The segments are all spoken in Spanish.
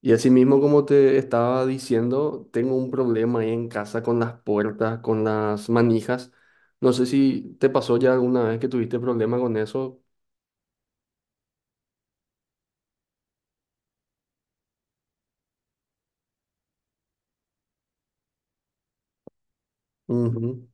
Y así mismo, como te estaba diciendo, tengo un problema ahí en casa con las puertas, con las manijas. No sé si te pasó ya alguna vez que tuviste problema con eso. Ujú,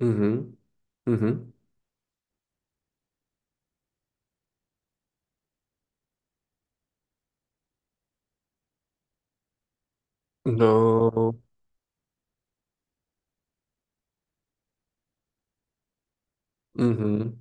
ujú, ujú. No. Ujú.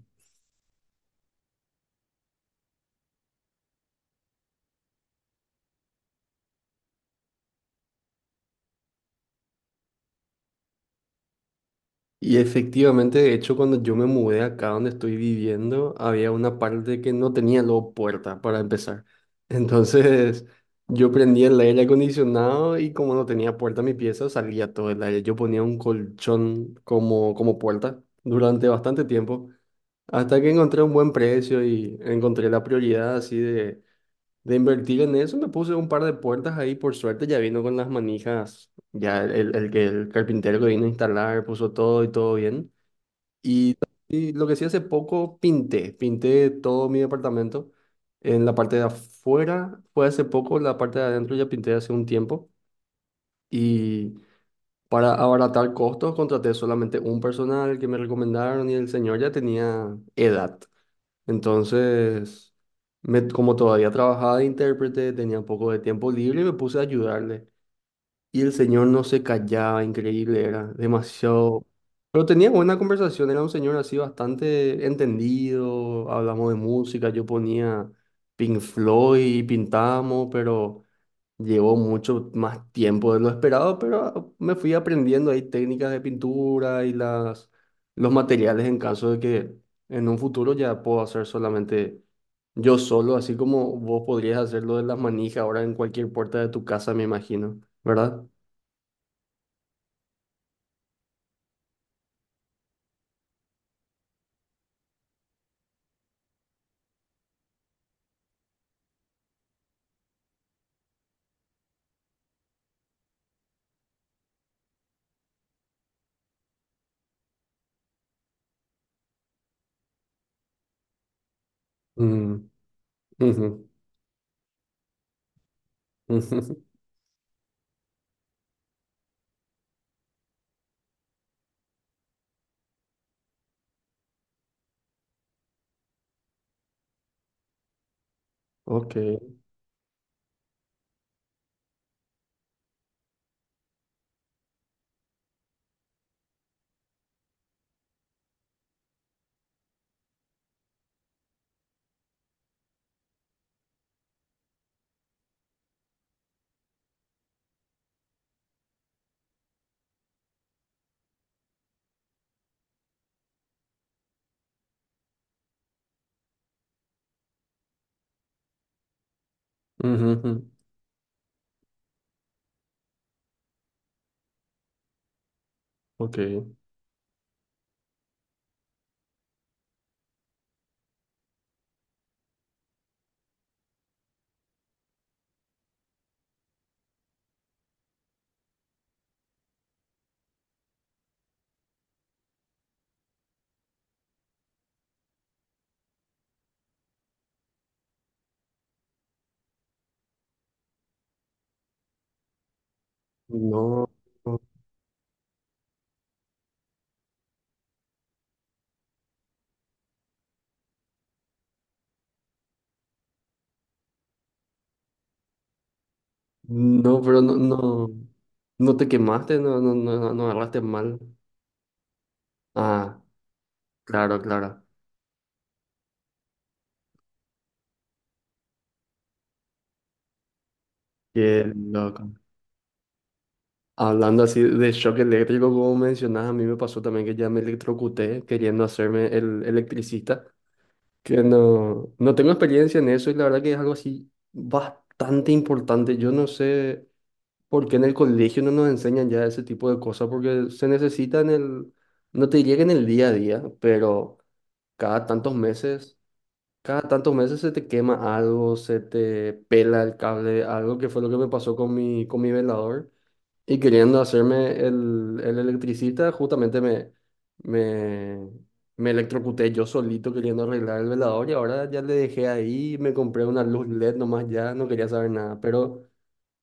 Y efectivamente, de hecho, cuando yo me mudé acá donde estoy viviendo, había una parte que no tenía luego puerta para empezar. Entonces, yo prendía el aire acondicionado y como no tenía puerta en mi pieza, salía todo el aire. Yo ponía un colchón como puerta durante bastante tiempo, hasta que encontré un buen precio y encontré la prioridad así de invertir en eso. Me puse un par de puertas ahí, por suerte ya vino con las manijas. Ya el carpintero que vino a instalar puso todo y todo bien. Y, y lo que sí hace poco pinté, pinté todo mi departamento. En la parte de afuera fue hace poco, la parte de adentro ya pinté hace un tiempo. Y para abaratar costos contraté solamente un personal que me recomendaron y el señor ya tenía edad. Entonces, como todavía trabajaba de intérprete, tenía un poco de tiempo libre y me puse a ayudarle. Y el señor no se callaba, increíble era, demasiado... Pero tenía buena conversación, era un señor así bastante entendido, hablamos de música, yo ponía Pink Floyd y pintamos, pero llevó mucho más tiempo de lo esperado, pero me fui aprendiendo ahí técnicas de pintura y las, los materiales en caso de que en un futuro ya puedo hacer solamente yo solo, así como vos podrías hacerlo de las manijas ahora en cualquier puerta de tu casa, me imagino, ¿verdad? Mm, ujú, ujú, ok, ujú, ujú, ok. No, no, pero no, no, no te quemaste, no, no, no, no no agarraste mal. Ah, claro, claro. Qué loco. Hablando así de shock eléctrico, como mencionas, a mí me pasó también que ya me electrocuté queriendo hacerme el electricista, que no, no tengo experiencia en eso y la verdad que es algo así bastante importante. Yo no sé. Porque en el colegio no nos enseñan ya ese tipo de cosas, porque se necesita en no te llega en el día a día, pero cada tantos meses, cada tantos meses se te quema algo, se te pela el cable, algo que fue lo que me pasó con mi velador. Y queriendo hacerme el electricista, justamente me, me electrocuté yo solito queriendo arreglar el velador y ahora ya le dejé ahí, me compré una luz LED nomás ya, no quería saber nada, pero...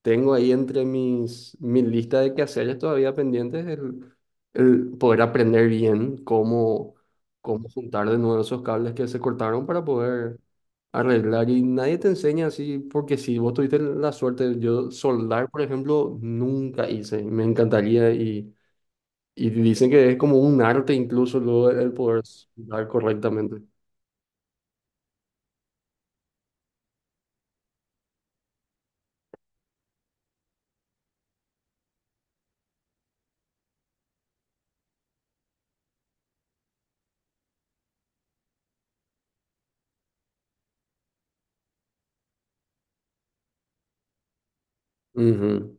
Tengo ahí entre mis, mi lista de quehaceres todavía pendientes el poder aprender bien cómo juntar de nuevo esos cables que se cortaron para poder arreglar. Y nadie te enseña así, porque si vos tuviste la suerte, yo soldar, por ejemplo, nunca hice. Me encantaría y dicen que es como un arte incluso luego el poder soldar correctamente. Ujú.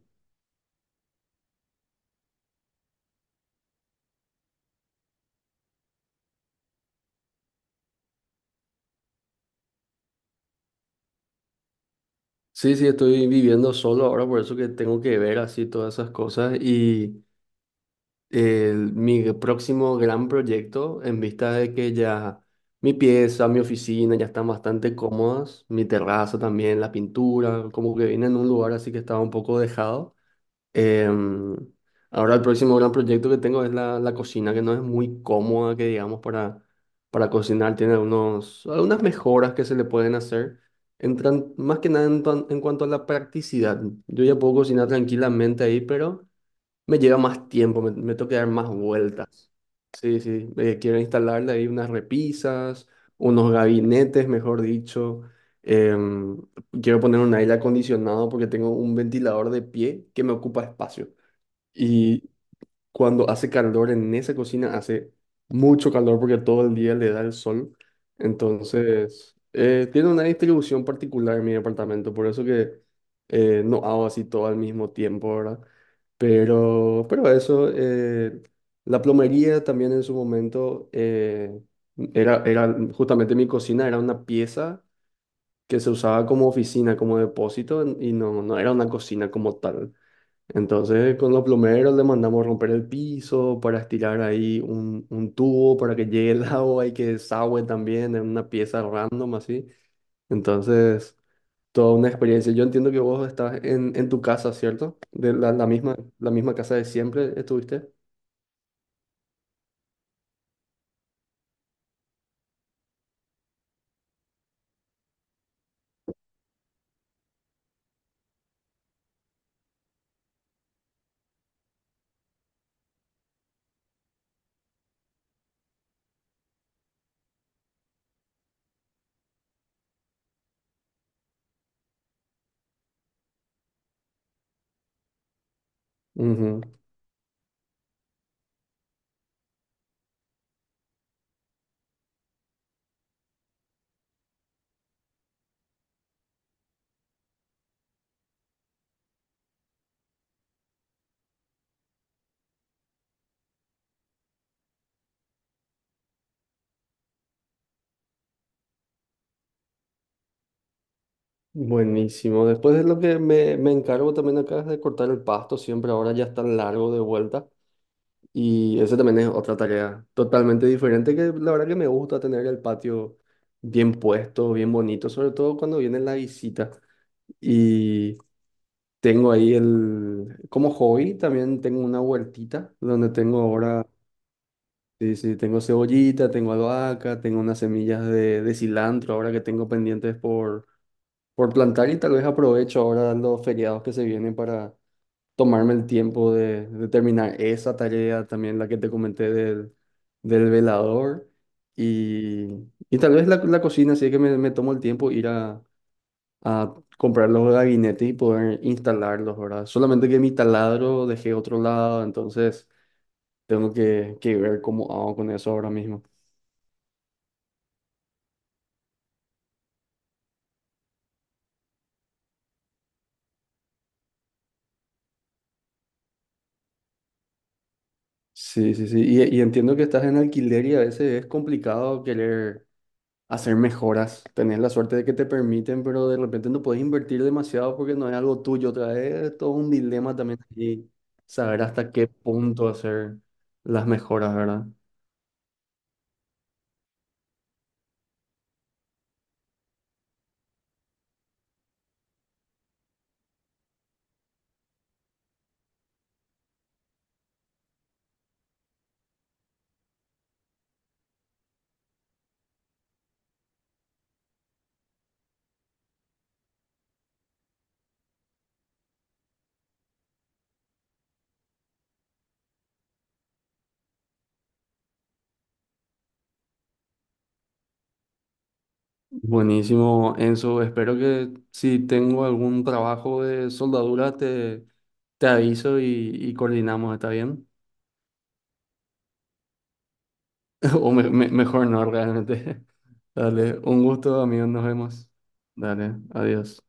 Sí, sí, estoy viviendo solo ahora, por eso que tengo que ver así todas esas cosas y... mi próximo gran proyecto, en vista de que ya mi pieza, mi oficina ya están bastante cómodas, mi terraza también, la pintura, como que vine en un lugar así que estaba un poco dejado. Em, ahora el próximo gran proyecto que tengo es la cocina, que no es muy cómoda, que digamos, para cocinar, tiene algunos, algunas mejoras que se le pueden hacer. Entran, más que nada en, en cuanto a la practicidad. Yo ya puedo cocinar tranquilamente ahí, pero... Me lleva más tiempo, me tengo que dar más vueltas. Sí, sí, quiero instalarle ahí unas repisas, unos gabinetes, mejor dicho. Em, quiero poner un aire acondicionado porque tengo un ventilador de pie que me ocupa espacio. Y cuando hace calor en esa cocina, hace mucho calor porque todo el día le da el sol. Entonces, tiene una distribución particular en mi departamento, por eso que no hago así todo al mismo tiempo, ¿verdad? Pero eso, la plomería también en su momento era, era justamente mi cocina, era una pieza que se usaba como oficina, como depósito, y no, no era una cocina como tal. Entonces, con los plomeros le mandamos romper el piso para estirar ahí un tubo para que llegue el agua y que desagüe también en una pieza random así. Entonces, toda una experiencia. Yo entiendo que vos estás en tu casa, ¿cierto? De la misma casa de siempre estuviste. Ujú. Buenísimo. Después de lo que me encargo también acá es de cortar el pasto, siempre ahora ya está largo de vuelta. Y eso también es otra tarea totalmente diferente que la verdad que me gusta tener el patio bien puesto, bien bonito, sobre todo cuando viene la visita. Y tengo ahí el, como hobby, también tengo una huertita donde tengo ahora, sí, sí, tengo cebollita, tengo albahaca, tengo unas semillas de cilantro ahora que tengo pendientes por plantar y tal vez aprovecho ahora los feriados que se vienen para tomarme el tiempo de terminar esa tarea, también la que te comenté del, del velador y, y tal vez la cocina, así que me tomo el tiempo ir a comprar los gabinetes y poder instalarlos, ¿verdad? Solamente que mi taladro dejé otro lado, entonces tengo que ver cómo hago con eso ahora mismo. Sí, sí, sí. Y entiendo que estás en alquiler y a veces es complicado querer hacer mejoras. Tenés la suerte de que te permiten, pero de repente no puedes invertir demasiado porque no es algo tuyo. Otra vez, todo un dilema también aquí, saber hasta qué punto hacer las mejoras, ¿verdad? Buenísimo, Enzo. Espero que si tengo algún trabajo de soldadura, te aviso y coordinamos, ¿está bien? O mejor no, realmente. Dale, un gusto, amigos, nos vemos. Dale, adiós.